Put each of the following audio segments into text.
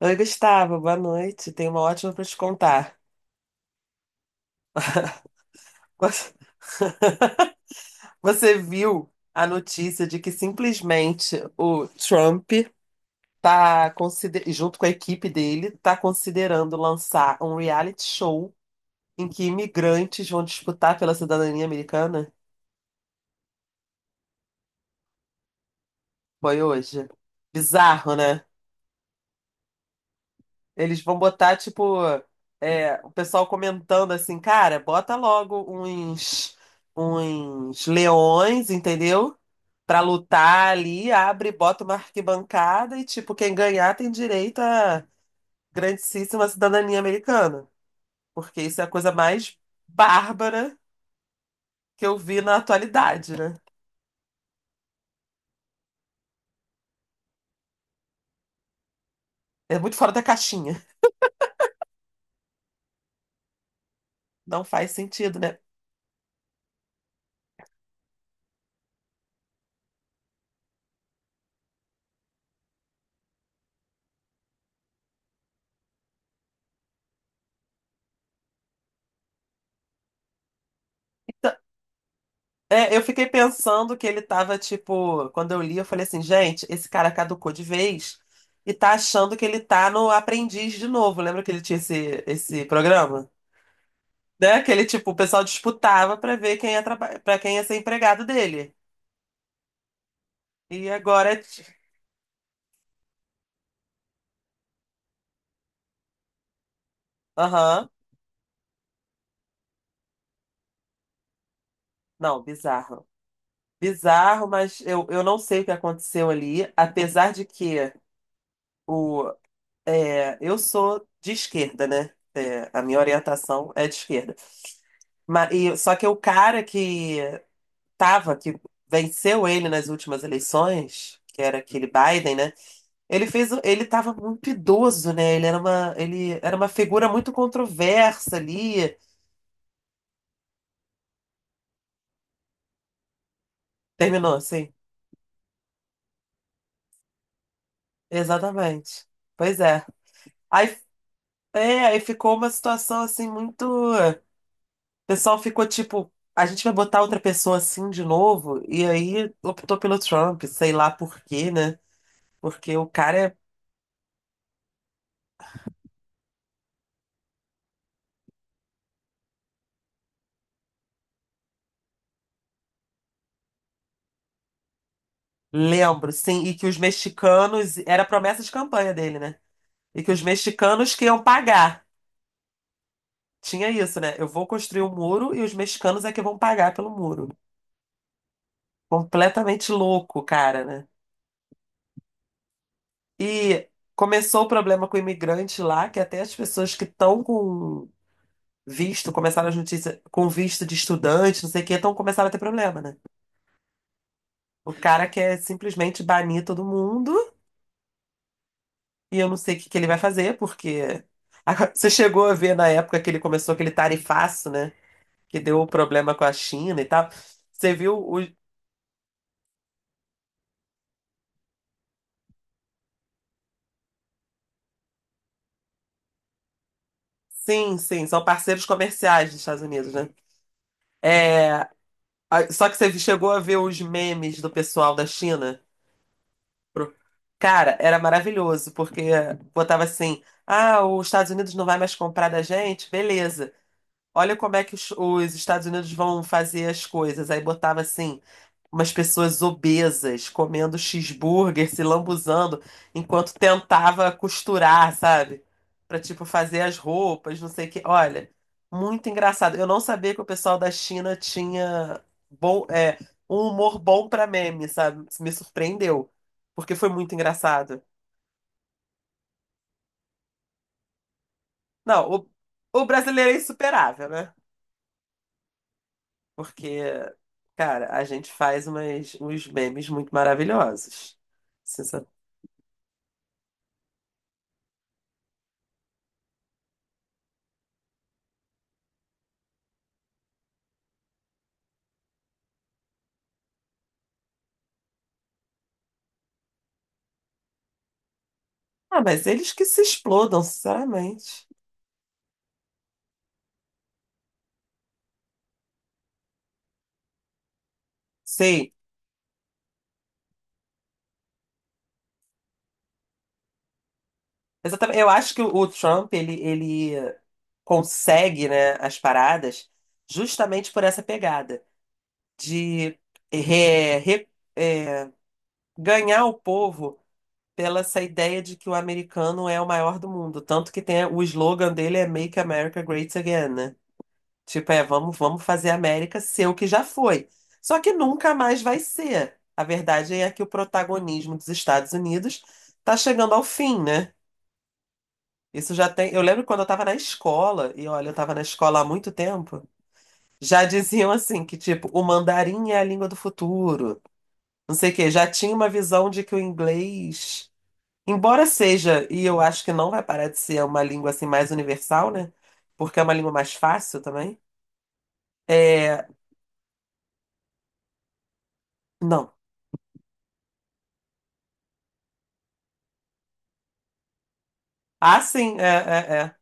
Oi, Gustavo, boa noite. Tenho uma ótima para te contar. Você você viu a notícia de que simplesmente o Trump junto com a equipe dele, tá considerando lançar um reality show em que imigrantes vão disputar pela cidadania americana? Foi hoje. Bizarro, né? Eles vão botar, tipo, o pessoal comentando assim, cara, bota logo uns leões, entendeu? Pra lutar ali, abre, bota uma arquibancada e, tipo, quem ganhar tem direito à grandíssima cidadania americana. Porque isso é a coisa mais bárbara que eu vi na atualidade, né? É muito fora da caixinha. Não faz sentido, né? Então, eu fiquei pensando que ele tava, tipo, quando eu li, eu falei assim, gente, esse cara caducou de vez e tá achando que ele tá no Aprendiz de novo. Lembra que ele tinha esse programa? Né? Aquele tipo, o pessoal disputava pra ver quem ia pra quem ia ser empregado dele. E agora é. Aham. Não, bizarro. Bizarro, mas eu não sei o que aconteceu ali, apesar de que o, eu sou de esquerda, né? É, a minha orientação é de esquerda. Só que o cara que que venceu ele nas últimas eleições, que era aquele Biden, né? Ele fez, ele estava muito idoso, né? Ele era ele era uma figura muito controversa ali. Terminou, sim. Exatamente. Pois é. Aí, aí ficou uma situação assim muito. O pessoal ficou tipo, a gente vai botar outra pessoa assim de novo. E aí optou pelo Trump, sei lá por quê, né? Porque o cara é. Lembro, sim, e que os mexicanos. Era promessa de campanha dele, né? E que os mexicanos que iam pagar. Tinha isso, né? Eu vou construir um muro e os mexicanos é que vão pagar pelo muro. Completamente louco, cara, né? E começou o problema com o imigrante lá, que até as pessoas que estão com visto, começaram as notícias com visto de estudante, não sei o que, estão começaram a ter problema, né? O cara quer simplesmente banir todo mundo e eu não sei o que que ele vai fazer, porque Agora, você chegou a ver na época que ele começou aquele tarifaço, né? Que deu o problema com a China e tal. Você viu sim, sim, são parceiros comerciais dos Estados Unidos, né? É, só que você chegou a ver os memes do pessoal da China? Pro- Cara, era maravilhoso, porque botava assim: ah, os Estados Unidos não vai mais comprar da gente? Beleza. Olha como é que os Estados Unidos vão fazer as coisas. Aí botava assim, umas pessoas obesas comendo cheeseburger, se lambuzando, enquanto tentava costurar, sabe? Pra, tipo, fazer as roupas, não sei o quê. Olha, muito engraçado. Eu não sabia que o pessoal da China tinha bom, é, um humor bom pra meme, sabe? Isso me surpreendeu, porque foi muito engraçado. Não, o brasileiro é insuperável, né? Porque, cara, a gente faz uns memes muito maravilhosos. Ah, mas eles que se explodam, sinceramente. Sei. Exatamente. Eu acho que o Trump, ele consegue, né, as paradas justamente por essa pegada de re- re- é, ganhar o povo pela essa ideia de que o americano é o maior do mundo. Tanto que tem o slogan dele é Make America Great Again, né? Tipo, é, vamos fazer a América ser o que já foi. Só que nunca mais vai ser. A verdade é que o protagonismo dos Estados Unidos está chegando ao fim, né? Isso já tem. Eu lembro quando eu estava na escola, e olha, eu estava na escola há muito tempo, já diziam assim que, tipo, o mandarim é a língua do futuro. Não sei o quê. Já tinha uma visão de que o inglês, embora seja, e eu acho que não vai parar de ser uma língua assim mais universal, né? Porque é uma língua mais fácil também. É, não. Ah, sim, é, é, é.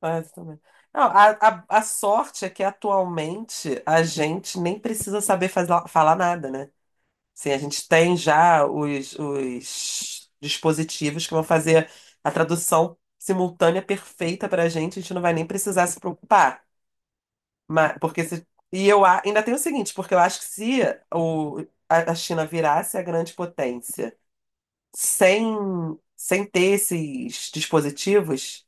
Ah, isso também. Não, a sorte é que atualmente a gente nem precisa saber falar nada, né? Sim, a gente tem já os dispositivos que vão fazer a tradução simultânea perfeita pra gente, a gente não vai nem precisar se preocupar. Mas, porque se, ainda tem o seguinte, porque eu acho que se o, a China virasse a grande potência sem, sem ter esses dispositivos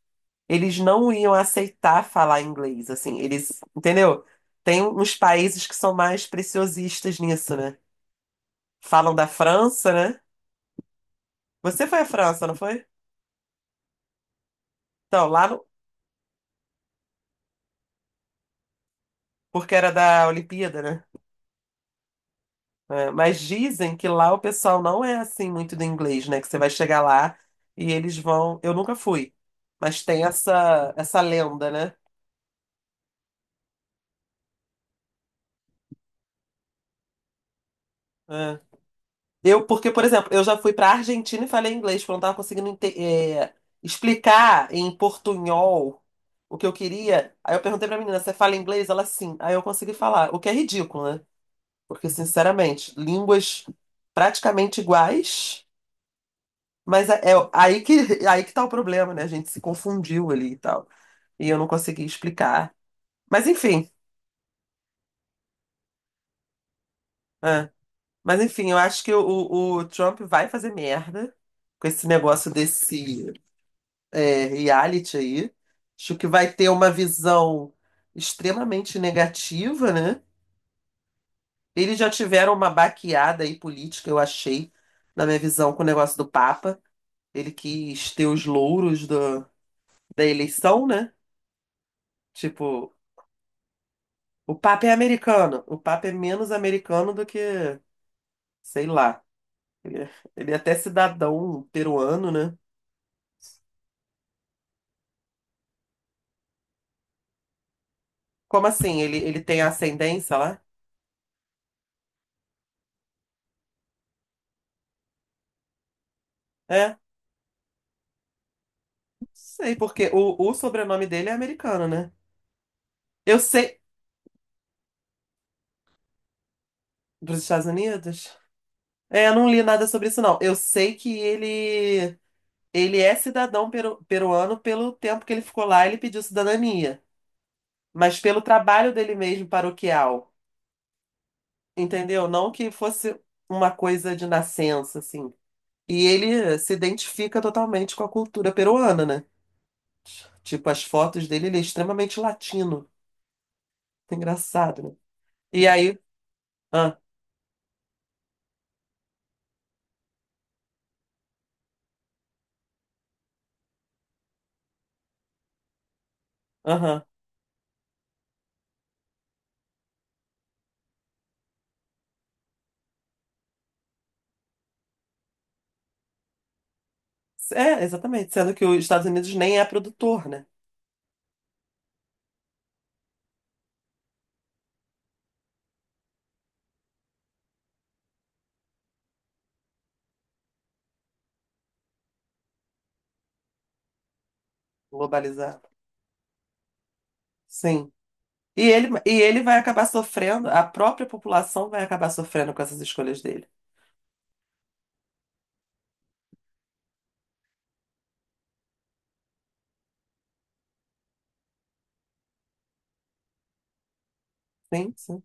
eles não iam aceitar falar inglês, assim, eles, entendeu? Tem uns países que são mais preciosistas nisso, né? Falam da França, né? Você foi à França, não foi? Então, lá no- porque era da Olimpíada, né? É, mas dizem que lá o pessoal não é assim muito do inglês, né? Que você vai chegar lá e eles vão. Eu nunca fui, mas tem essa lenda, né? É. Eu, porque, por exemplo, eu já fui para Argentina e falei inglês, porque eu não estava conseguindo explicar em portunhol o que eu queria. Aí eu perguntei pra menina, você fala inglês? Ela, sim. Aí eu consegui falar, o que é ridículo, né? Porque, sinceramente, línguas praticamente iguais, mas é aí que, aí que tá o problema, né? A gente se confundiu ali e tal. E eu não consegui explicar. Mas, enfim. É. Mas, enfim, eu acho que o Trump vai fazer merda com esse negócio desse. É, reality aí. Acho que vai ter uma visão extremamente negativa, né? Eles já tiveram uma baqueada aí política, eu achei, na minha visão, com o negócio do Papa. Ele quis ter os louros da eleição, né? Tipo, o Papa é americano. O Papa é menos americano do que, sei lá. Ele é, ele é até cidadão peruano, né? Como assim? Ele tem ascendência lá? É, sei, porque o sobrenome dele é americano, né? Eu sei, dos Estados Unidos? É, eu não li nada sobre isso, não. Eu sei que ele é cidadão peruano pelo tempo que ele ficou lá, ele pediu cidadania. Mas pelo trabalho dele mesmo paroquial, entendeu? Não que fosse uma coisa de nascença, assim. E ele se identifica totalmente com a cultura peruana, né? Tipo, as fotos dele, ele é extremamente latino. Engraçado, né? E aí. Ah, aham. É, exatamente. Sendo que os Estados Unidos nem é produtor, né? Globalizado. Sim. E ele vai acabar sofrendo, a própria população vai acabar sofrendo com essas escolhas dele. Sim, sim,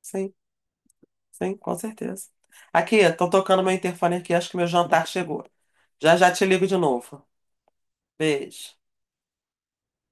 sim, sim, com certeza. Aqui, estão tocando meu interfone aqui, acho que meu jantar chegou. Já já te ligo de novo. Beijo.